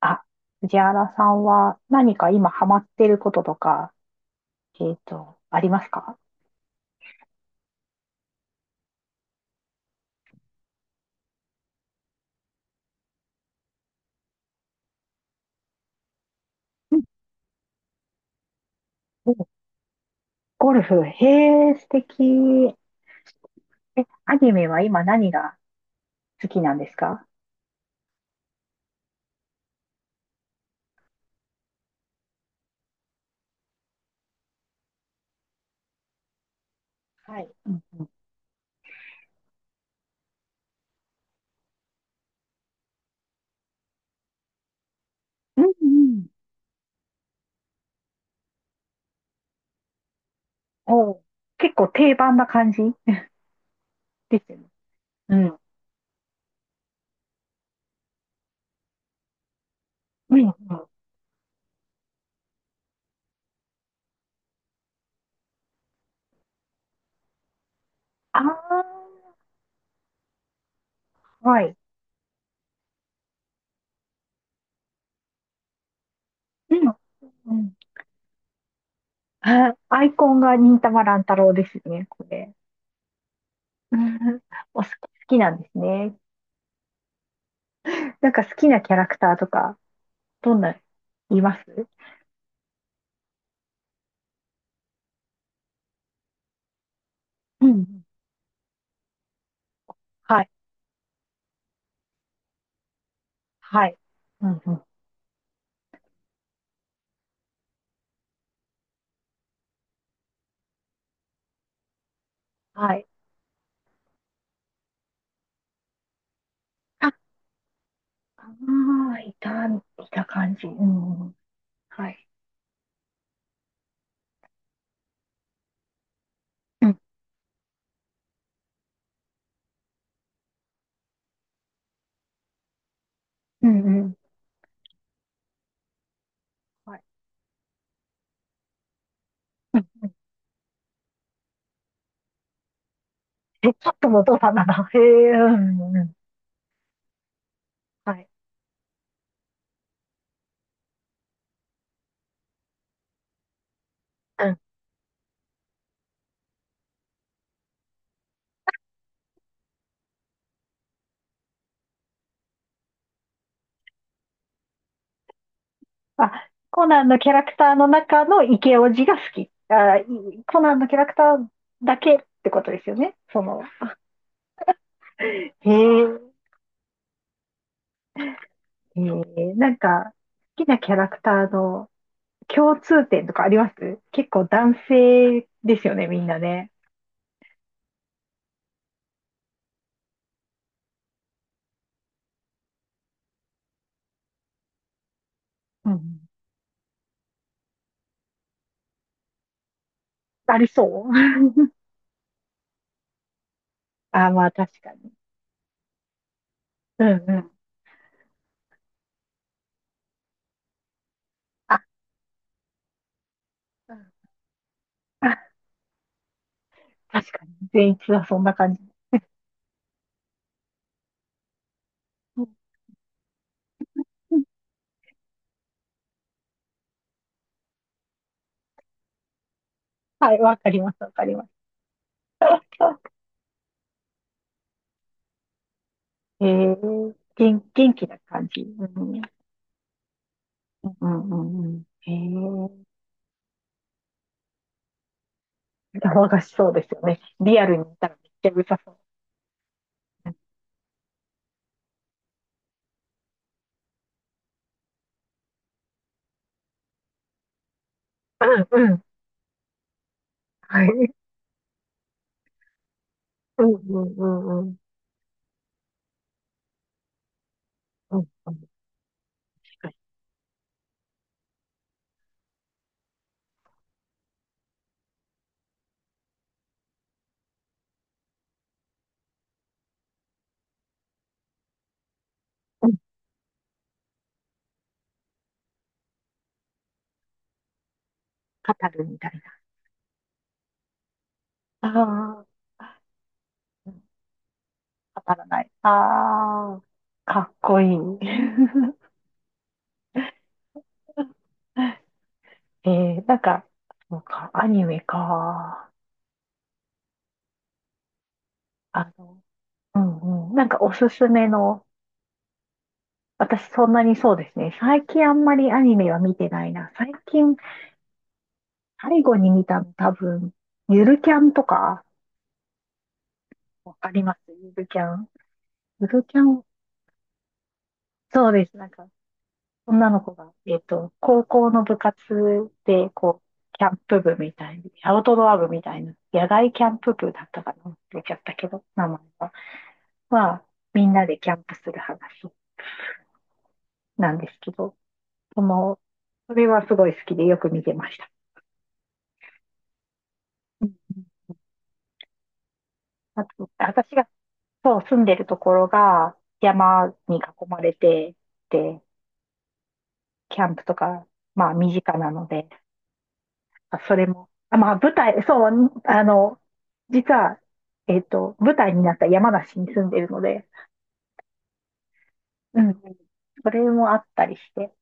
あ、藤原さんは何か今ハマってることとか、ありますか？うん。お、ゴルフ、へえ、素敵。え、アニメは今何が好きなんですか？はい。うんうん。うんうん。お、結構定番な感じですよね。うん。うんうん。ああ、はい。うん。うん。あ、アイコンが忍たま乱太郎ですよね、これ。うん。お、好きなんですね。なんか好きなキャラクターとかどんな、います？うんうん。はい。はい。うんうん。はい。あ、ああ、いた感じ。うんうん。はい。うん。うんうん。はい。うん。え、ちょっとのお父さんなんだ。へえ、うんうんうん。はい。うん。あ、コナンのキャラクターの中のイケオジが好き。あ、コナンのキャラクターだけってことですよね。その、へえ、へえ、なんか、好きなキャラクターの共通点とかあります？結構男性ですよね、みんなね。うん。ありそう。 あ、まあ確かに。うんうん。あ、うん。あ、確かに。全一はそんな感じ。うんうん。はい、わかります、わかります。えー、元気な感じ。うんうんうんうん。騒がしそうですよね。リアルにいたらめっちゃうるさそう。うんうん。はい。うんうんうんうん。うんうん。確かに。うん。語るみたいな。ああ。当たらない。ああ、かっこいい。えなんか、そうか、アニメか。あの、うんうん。なんかおすすめの、私そんなにそうですね。最近あんまりアニメは見てないな。最近、最後に見たの多分、ゆるキャンとか、わかります？ゆるキャン。ゆるキャン、そうです。なんか女の子が、高校の部活で、こう、キャンプ部みたいに、アウトドア部みたいな、野外キャンプ部だったかな、忘れちゃったけど、名前は。まあみんなでキャンプする話なんですけど、その、それはすごい好きでよく見てました。うん。あと、私が、そう、住んでるところが山に囲まれて、で、キャンプとか、まあ身近なので、あ、それも。あ、まあ、舞台、そう、実は、舞台になった山梨に住んでるので、うんうん。それもあったりして、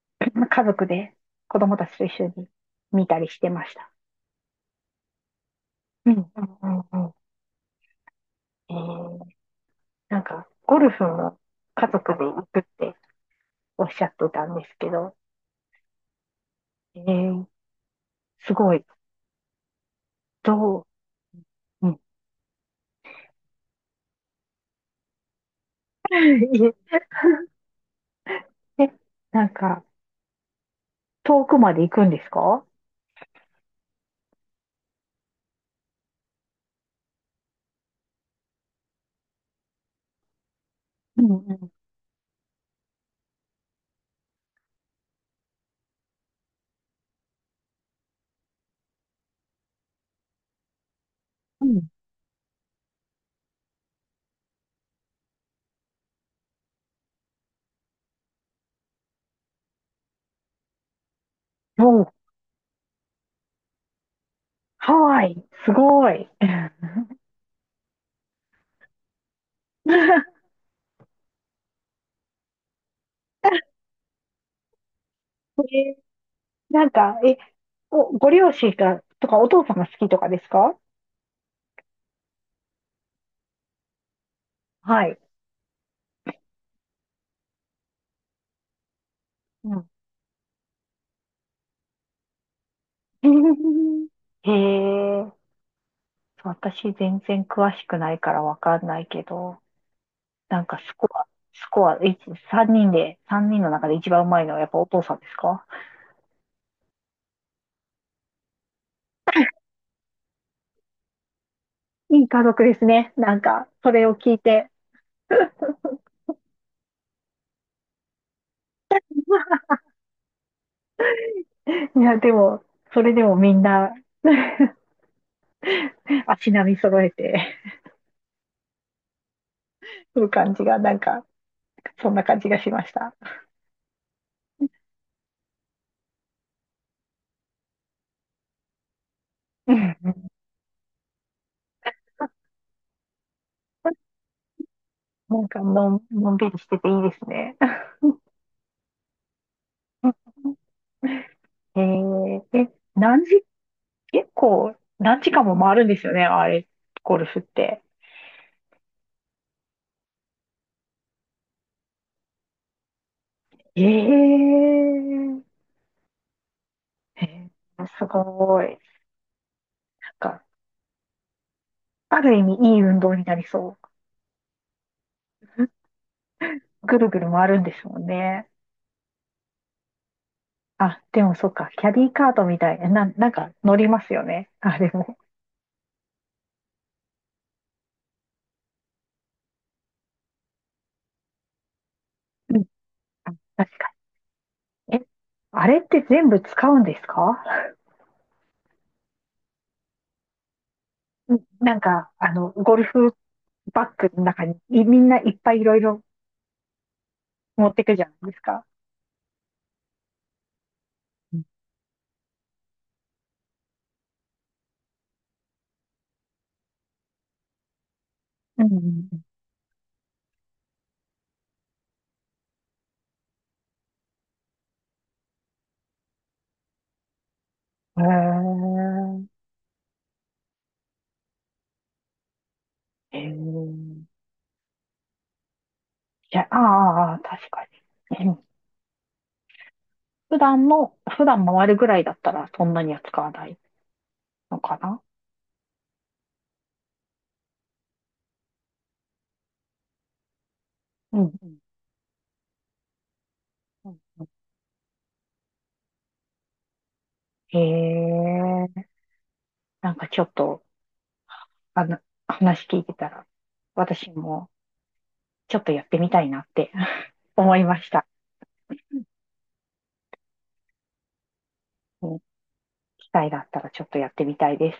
家族で子供たちと一緒に見たりしてました。うん、うん、うん、うん。えー、なんか、ゴルフも家族で行くっておっしゃってたんですけど、えー、すごい、どう、うん。いえ、えなんか、遠くまで行くんですか？うん、うん、うん。ハワイ、すごい。え、なんか、お、ご両親が、とか、お父さんが好きとかですか？はい。うん。へえ、私全然詳しくないからわかんないけど、なんかスコア、三人で、三人の中で一番うまいのはやっぱお父さんですか？ いい家族ですね。なんか、それを聞いて。いや、でも、それでもみんな 足並み揃えてる感じが、なんか、そんな感じがしました。なんかのんびりしてていいですね。えー、え、何時、結構、何時間も回るんですよね、あれ、ゴルフって。えー、えすごい。なんか、ある意味いい運動になりそう。ぐるぐる回るんですもんね。あ、でもそっか、キャディーカートみたいな、なんか乗りますよね。あれも。うん、あ、確かに。え、あれって全部使うんですか？なんか、ゴルフバッグの中にみんないっぱいいろいろ持ってくじゃないですか。うんうんうん。へえ。へえ。いや、ああ、ああ確かに。うん。普段の、普段回るぐらいだったらそんなには使わないのかな。うん。うんうんうん。へえ。なんかちょっと、あの、話聞いてたら、私もちょっとやってみたいなって 思いました。うん。機会があったらちょっとやってみたいです。